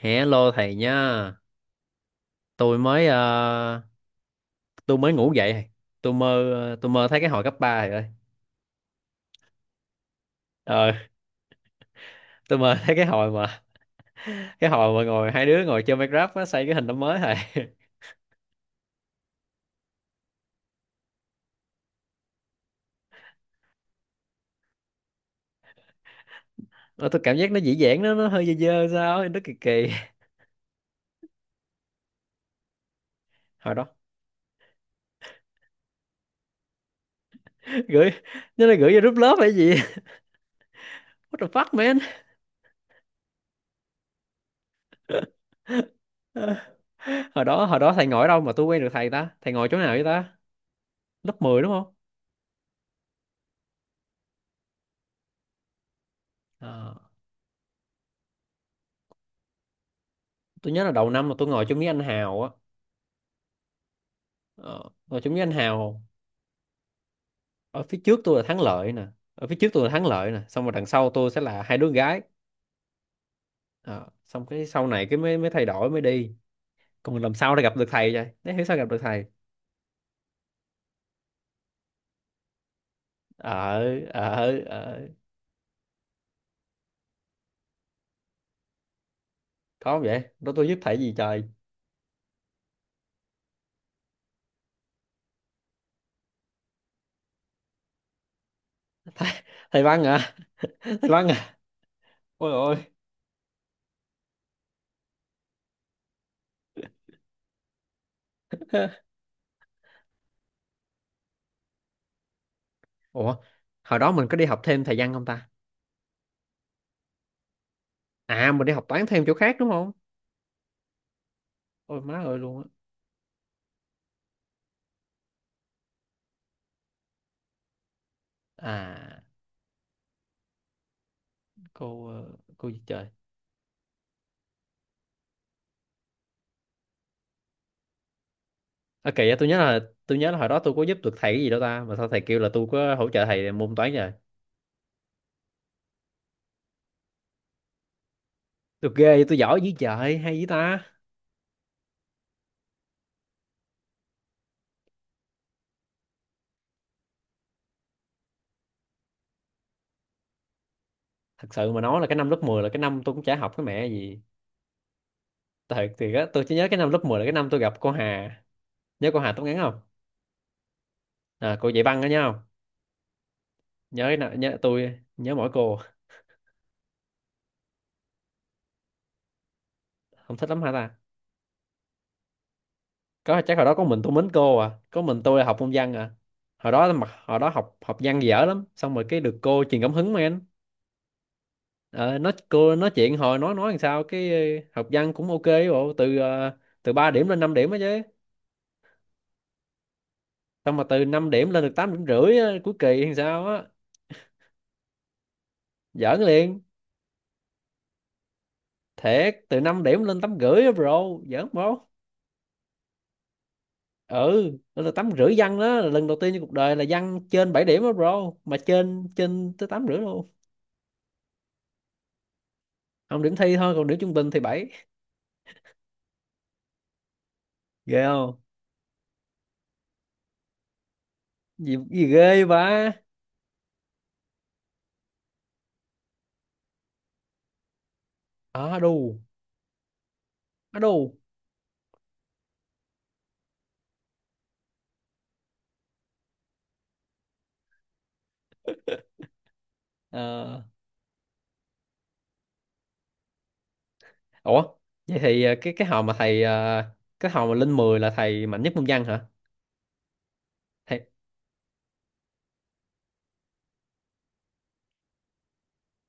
Hello thầy nha. Tôi mới ờ, tôi mới ngủ dậy thầy. Tôi mơ thấy cái hồi cấp 3 rồi. Ờ, tôi mơ thấy cái hồi mà ngồi hai đứa ngồi chơi Minecraft á, xây cái hình năm mới thầy. Ờ, tôi cảm giác nó dĩ dãn nó hơi dơ dơ sao, ấy, nó kỳ kỳ. Hồi đó gửi, nó là gửi vô group lớp hay gì? What the fuck man? Hồi đó thầy ngồi ở đâu mà tôi quen được thầy ta? Thầy ngồi chỗ nào vậy ta? Lớp 10 đúng không? Ờ, tôi nhớ là đầu năm mà tôi ngồi chỗ Mỹ Anh Hào á. Ờ, rồi chúng với anh Hào, ở phía trước tôi là Thắng Lợi nè, ở phía trước tôi là Thắng Lợi nè xong rồi đằng sau tôi sẽ là hai đứa gái. Ờ, xong cái sau này cái mới mới thay đổi mới đi. Còn làm sao để gặp được thầy vậy, để hiểu sao gặp được thầy. ờ ờ ờ có không vậy, đó tôi giúp thầy gì trời. thầy, Thầy văn à? thầy văn à Ôi ôi. Ủa, hồi đó mình có đi học thêm thầy văn không ta? À, mình đi học toán thêm chỗ khác đúng không? Ôi má ơi luôn á. À, cô gì trời. À, kỳ á, tôi nhớ là hồi đó tôi có giúp được thầy cái gì đâu ta mà sao thầy kêu là tôi có hỗ trợ thầy môn toán rồi. Tôi ghê vậy, tôi giỏi dữ trời hay dữ ta. Thật sự mà nói là cái năm lớp 10 là cái năm tôi cũng chả học cái mẹ gì. Thật thì á, tôi chỉ nhớ cái năm lớp 10 là cái năm tôi gặp cô Hà. Nhớ cô Hà tóc ngắn không? À, cô dạy văn đó nhớ không? Nhớ, tôi nhớ mỗi cô. Không thích lắm hả ta? Có chắc hồi đó có mình tôi mến cô à, có mình tôi là học môn văn à? Hồi đó mà, hồi đó học học văn dở lắm, xong rồi cái được cô truyền cảm hứng mà. Ờ, nói, cô nói chuyện hồi nói làm sao cái học văn cũng ok ấy, bộ từ từ 3 điểm lên 5 điểm á chứ. Xong mà từ 5 điểm lên được 8 điểm rưỡi á, cuối kỳ làm sao á. Giỡn liền. Thiệt, từ 5 điểm lên 8 rưỡi á bro. Giỡn bro. Ừ, lên được 8 rưỡi văn, đó là lần đầu tiên trong cuộc đời là văn trên 7 điểm á bro, mà trên trên tới 8 rưỡi luôn. Không, điểm thi thôi, còn điểm trung bình thì bảy. Ghê không? Gì ghê vậy? Ba à, đù. À, đù. Ủa, vậy thì cái hồi mà thầy ờ, cái hồi mà lên 10 là thầy mạnh nhất môn văn hả? Thầy.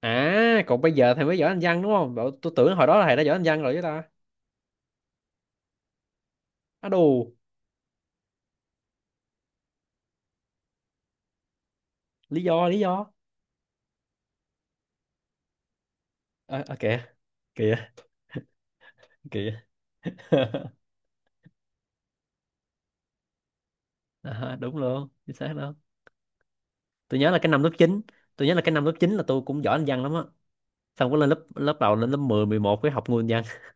À, còn bây giờ thầy mới giỏi anh văn đúng không? Bảo, tôi tưởng hồi đó là thầy đã giỏi anh văn rồi chứ ta. Á đù, lý do. Ờ à, kìa, kìa, kìa. À, đúng luôn, chính xác luôn. Tôi nhớ là cái năm lớp 9 tôi nhớ là cái năm lớp 9 là tôi cũng giỏi anh văn lắm á. Xong có lên lớp lớp đầu lên lớp mười mười một cái học nguyên văn.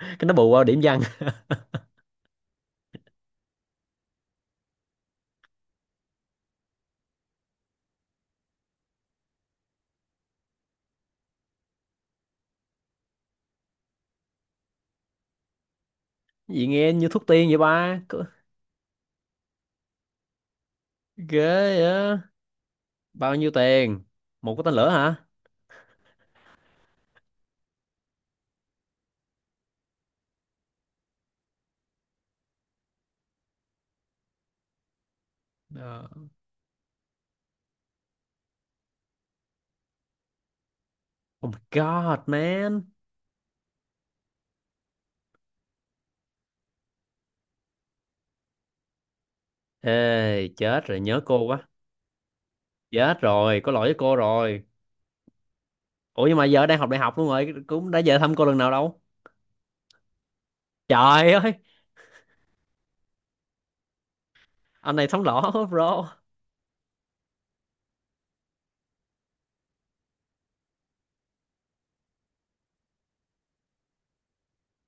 Cái nó bù qua điểm văn. Vậy nghe như thuốc tiên vậy ba. Ghê á. Bao nhiêu tiền? Một cái tên lửa hả? Ờ. Oh my God, man. Ê, chết rồi, nhớ cô quá. Chết rồi, có lỗi với cô rồi. Ủa nhưng mà giờ đang học đại học luôn rồi, cũng đã về thăm cô lần nào đâu. Trời ơi, anh này sống lỏ quá, bro.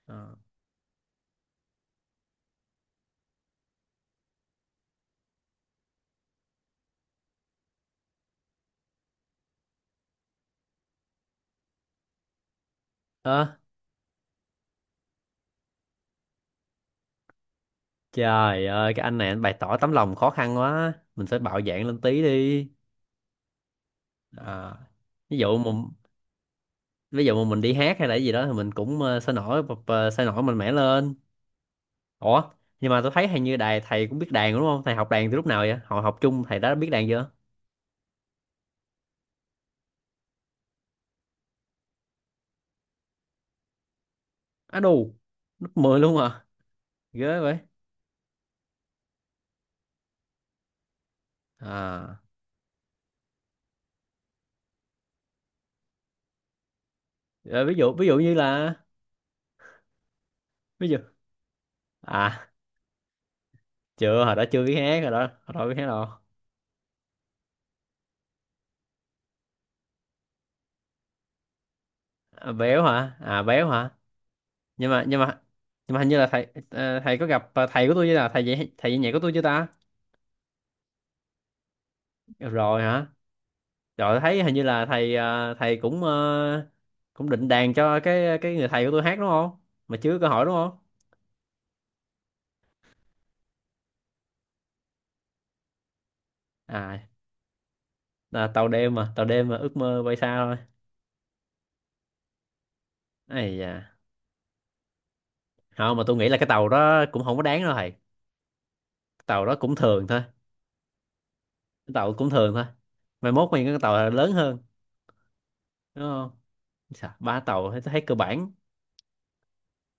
Ờ, Ờ, trời ơi, cái anh này anh bày tỏ tấm lòng khó khăn quá. Mình phải bạo dạn lên tí đi. Ờ, ví dụ mà, ví dụ mà mình đi hát hay là cái gì đó thì mình cũng sôi nổi mạnh mẽ lên. Ủa, nhưng mà tôi thấy hình như đài thầy cũng biết đàn đúng không? Thầy học đàn từ lúc nào vậy? Hồi học chung thầy đã biết đàn chưa? Á đù, lớp 10 luôn à? Ghê vậy. À. Rồi ví dụ như là ví dụ à, chưa, hồi đó chưa biết hát rồi đó, hồi đó biết hát đâu. À, béo hả? À béo hả? Nhưng mà nhưng mà hình như là thầy có gặp thầy của tôi chưa, là thầy dạy nhạc của tôi chưa ta? Rồi hả? Rồi thấy hình như là thầy cũng cũng định đàn cho cái người thầy của tôi hát đúng không, mà chưa có hỏi đúng không? À là tàu đêm mà, tàu đêm mà ước mơ bay xa thôi. Ấy da, không mà tôi nghĩ là cái tàu đó cũng không có đáng đâu thầy, cái tàu đó cũng thường thôi. Cái tàu cũng thường thôi, mai mốt mình cái tàu lớn hơn, đúng không? Chà, ba tàu thấy, thấy cơ bản,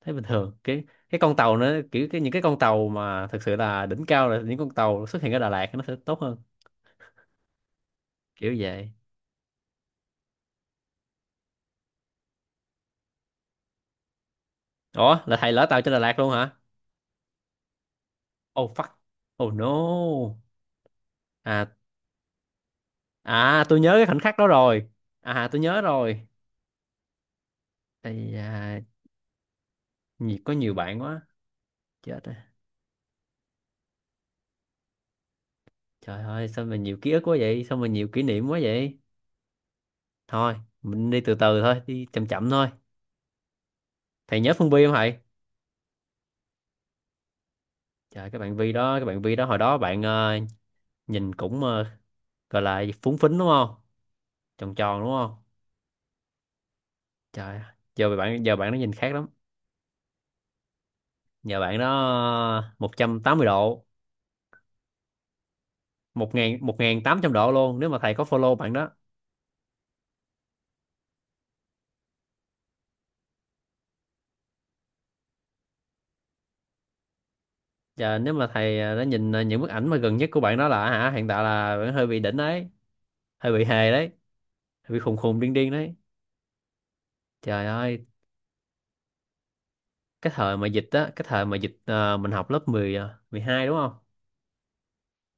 thấy bình thường. Cái con tàu nữa kiểu, cái những cái con tàu mà thực sự là đỉnh cao là những con tàu xuất hiện ở Đà Lạt nó sẽ tốt hơn, kiểu vậy. Ủa là thầy lỡ tàu trên Đà Lạt luôn hả? Oh fuck. Oh no. À, à, tôi nhớ cái khoảnh khắc đó rồi. À tôi nhớ rồi. Ây da, nhiều, có nhiều bạn quá. Chết. Trời ơi, sao mà nhiều ký ức quá vậy? Sao mà nhiều kỷ niệm quá vậy? Thôi, mình đi từ từ thôi, đi chậm chậm thôi. Thầy nhớ Phương Vi không thầy? Trời, cái bạn Vi đó hồi đó bạn nhìn cũng gọi là phúng phính đúng không? Tròn tròn đúng không? Trời, giờ bạn nó nhìn khác lắm. Giờ bạn đó 180 độ, một một ngàn tám trăm độ luôn nếu mà thầy có follow bạn đó. Giờ nếu mà đã nhìn những bức ảnh mà gần nhất của bạn đó là hả, hiện tại là bạn hơi bị đỉnh đấy, hơi bị hề đấy, hơi bị khùng khùng điên điên đấy. Trời ơi, cái thời mà dịch mình học lớp 10, à, 12 đúng không?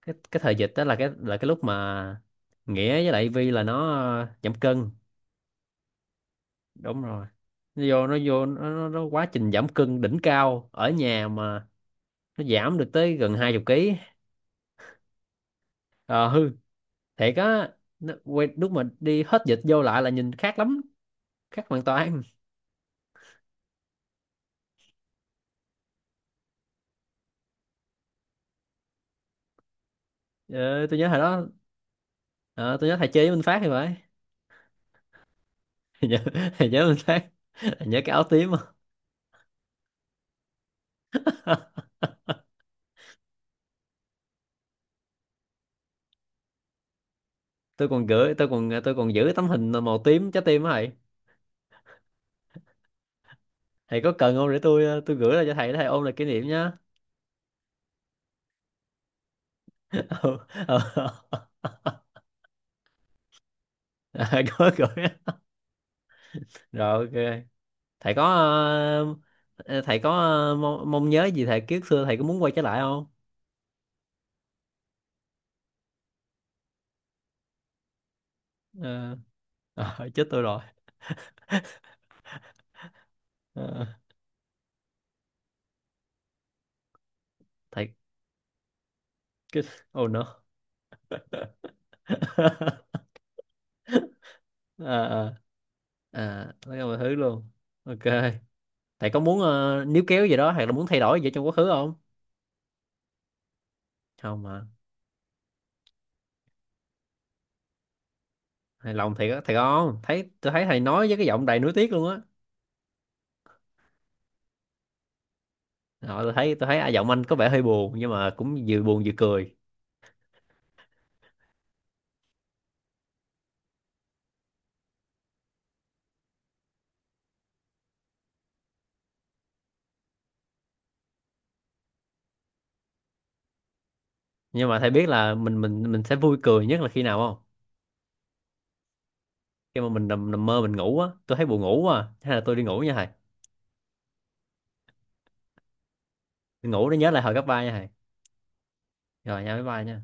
Cái thời dịch đó là cái lúc mà Nghĩa với lại Vi là nó giảm cân. Đúng rồi, nó vô nó vô nó quá trình giảm cân đỉnh cao ở nhà mà, nó giảm được tới gần 20 kg. Ờ hư, thiệt á. Nó, lúc mà đi hết dịch vô lại là nhìn khác lắm, khác hoàn toàn. Ờ, tôi nhớ hồi đó, ờ, tôi nhớ thầy chơi với Minh Phát thì phải. Thầy nhớ Thầy nhớ Minh Phát, thầy nhớ cái áo tím. Tôi còn giữ tấm hình màu tím trái tim á thầy. Thầy có cần không để tôi tôi gửi lại cho thầy để thầy ôm lại kỷ niệm nhá? Ừ, ừ. À, có gửi. Rồi ok, thầy có thầy có mong nhớ gì thầy kiếp xưa, thầy có muốn quay trở lại không? Ờ, ờ, chết tôi rồi. Ờ, thầy cái oh no. À, à, à, tất cả mọi thứ luôn. Ok, thầy có muốn níu kéo gì đó hay là muốn thay đổi gì trong quá khứ không? Không mà, hài lòng thiệt á, thiệt không? Thấy tôi thấy thầy nói với cái giọng đầy nuối tiếc luôn á. Ờ, tôi thấy à, giọng anh có vẻ hơi buồn nhưng mà cũng vừa buồn vừa cười. Nhưng mà thầy biết là mình sẽ vui cười nhất là khi nào không? Khi mà mình nằm mơ mình ngủ á, tôi thấy buồn ngủ quá à, hay là tôi đi ngủ nha thầy. Đi ngủ để nhớ lại hồi cấp ba nha thầy. Rồi nha, bye bye nha.